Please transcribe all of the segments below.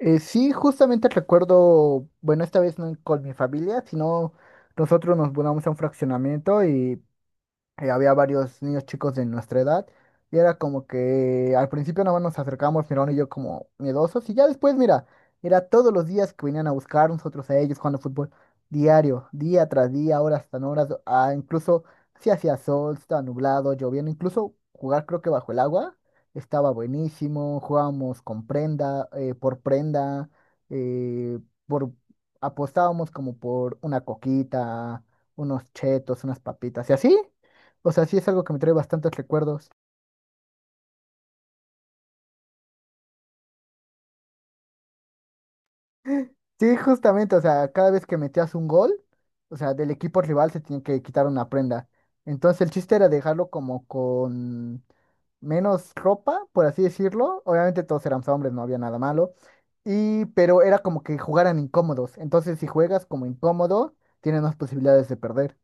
Sí, justamente recuerdo, bueno, esta vez no con mi familia, sino nosotros nos mudamos a un fraccionamiento y había varios niños chicos de nuestra edad, y era como que al principio nada más nos acercamos, mi hermano y yo, como miedosos. Y ya después, mira, era todos los días que venían a buscar nosotros a ellos, jugando fútbol diario, día tras día, horas tras horas. Incluso si hacía sol, sí, estaba nublado, lloviendo, incluso jugar creo que bajo el agua estaba buenísimo. Jugábamos con prenda, por prenda, eh, por, apostábamos como por una coquita, unos chetos, unas papitas y así. O sea, sí, es algo que me trae bastantes recuerdos. Sí, justamente, o sea, cada vez que metías un gol, o sea, del equipo rival se tenía que quitar una prenda. Entonces el chiste era dejarlo como con menos ropa, por así decirlo. Obviamente todos éramos hombres, no había nada malo. Y, pero era como que jugaran incómodos. Entonces si juegas como incómodo, tienes más posibilidades de perder.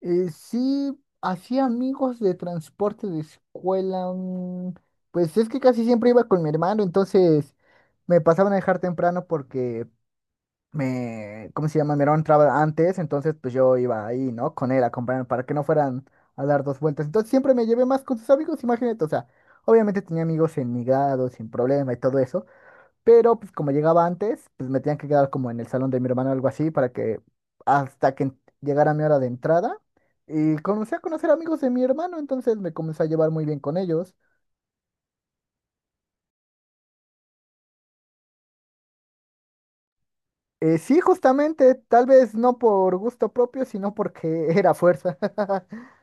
Sí, hacía amigos de transporte de escuela. Pues es que casi siempre iba con mi hermano, entonces me pasaban a dejar temprano porque me, ¿cómo se llama? Mi hermano entraba antes, entonces pues yo iba ahí, ¿no? Con él, a acompañando para que no fueran a dar 2 vueltas. Entonces siempre me llevé más con sus amigos, imagínate, o sea, obviamente tenía amigos en mi grado, sin problema y todo eso. Pero pues como llegaba antes, pues me tenían que quedar como en el salón de mi hermano o algo así para que hasta que llegara mi hora de entrada. Y comencé a conocer amigos de mi hermano, entonces me comencé a llevar muy bien con ellos. Sí, justamente, tal vez no por gusto propio, sino porque era fuerza.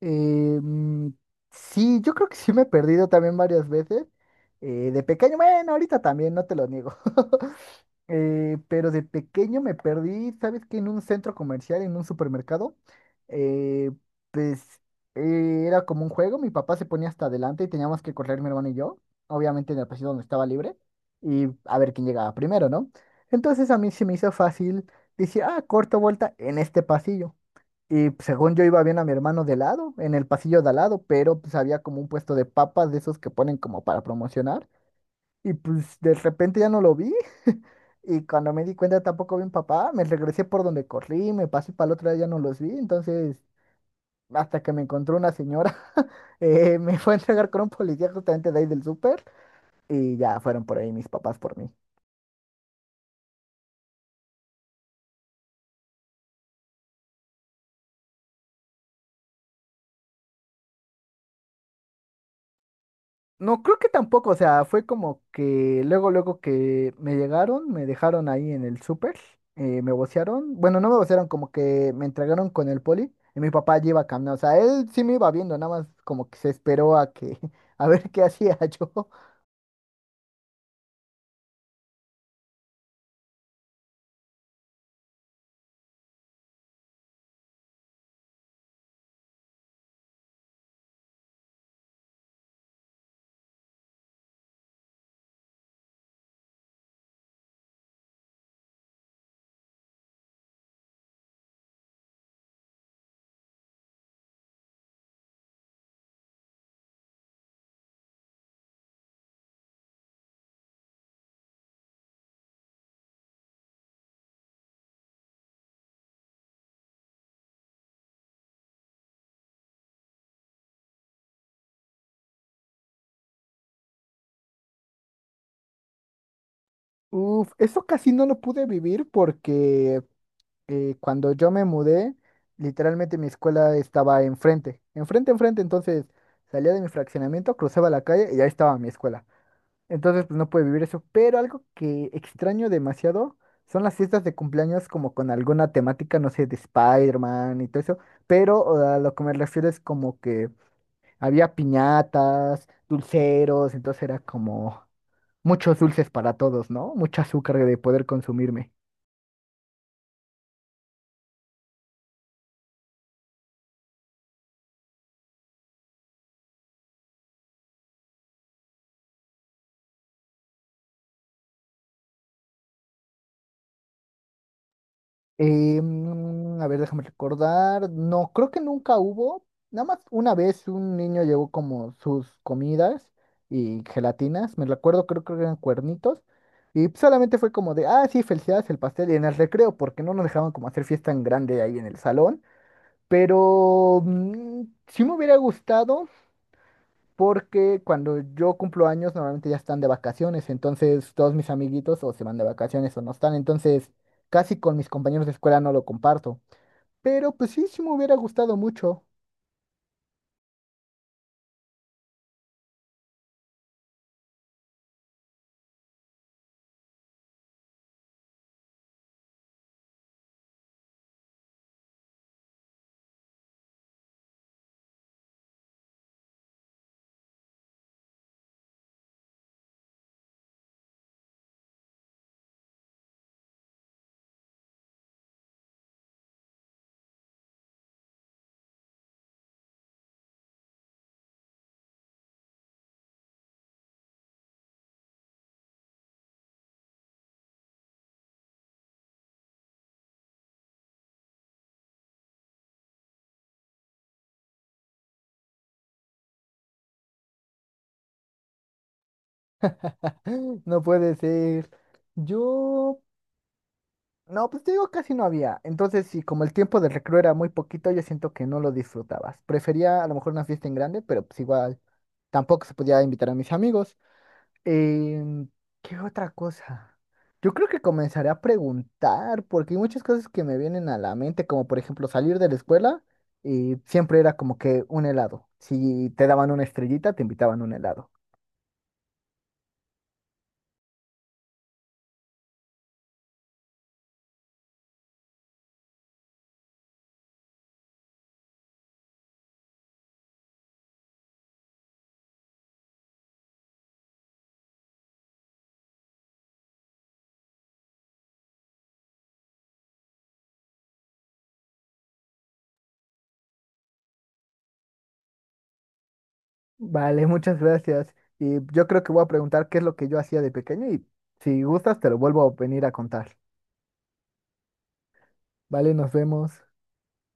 Eh, mm, sí, yo creo que sí me he perdido también varias veces. De pequeño, bueno, ahorita también, no te lo niego. Pero de pequeño me perdí, ¿sabes qué? En un centro comercial, en un supermercado, eh, pues era como un juego. Mi papá se ponía hasta adelante y teníamos que correr mi hermano y yo, obviamente en el pasillo donde estaba libre, y a ver quién llegaba primero, ¿no? Entonces a mí se me hizo fácil decir, ah, corto vuelta en este pasillo. Y pues, según yo iba bien, a mi hermano de lado, en el pasillo de al lado, pero pues había como un puesto de papas de esos que ponen como para promocionar. Y pues de repente ya no lo vi. Y cuando me di cuenta tampoco vi a mi papá. Me regresé por donde corrí, me pasé para el otro lado, ya no los vi. Entonces, hasta que me encontró una señora, me fue a entregar con un policía justamente de ahí del súper. Y ya fueron por ahí mis papás por mí. No, creo que tampoco, o sea, fue como que luego, luego que me llegaron, me dejaron ahí en el súper, me vocearon, bueno, no me vocearon, como que me entregaron con el poli y mi papá ya iba caminando. O sea, él sí me iba viendo, nada más como que se esperó a que, a ver qué hacía yo. Uf, eso casi no lo pude vivir porque cuando yo me mudé, literalmente mi escuela estaba enfrente, enfrente, enfrente. Entonces salía de mi fraccionamiento, cruzaba la calle y ahí estaba mi escuela. Entonces, pues no puede vivir eso. Pero algo que extraño demasiado son las fiestas de cumpleaños como con alguna temática, no sé, de Spider-Man y todo eso. Pero a lo que me refiero es como que había piñatas, dulceros, entonces era como muchos dulces para todos, ¿no? Mucho azúcar de poder consumirme. A ver, déjame recordar. No, creo que nunca hubo. Nada más una vez un niño llevó como sus comidas y gelatinas. Me recuerdo, creo que eran cuernitos. Y solamente fue como de, ah, sí, felicidades, el pastel y en el recreo, porque no nos dejaban como hacer fiesta en grande ahí en el salón. Pero sí me hubiera gustado porque cuando yo cumplo años normalmente ya están de vacaciones. Entonces todos mis amiguitos o se van de vacaciones o no están. Entonces casi con mis compañeros de escuela no lo comparto. Pero pues sí, sí me hubiera gustado mucho. No puede ser. Yo, no, pues te digo, casi no había. Entonces, sí, como el tiempo de recreo era muy poquito, yo siento que no lo disfrutabas. Prefería a lo mejor una fiesta en grande, pero pues igual tampoco se podía invitar a mis amigos. Em, ¿Qué otra cosa? Yo creo que comenzaré a preguntar, porque hay muchas cosas que me vienen a la mente, como por ejemplo salir de la escuela y siempre era como que un helado. Si te daban una estrellita, te invitaban un helado. Vale, muchas gracias. Y yo creo que voy a preguntar qué es lo que yo hacía de pequeño y si gustas te lo vuelvo a venir a contar. Vale, nos vemos.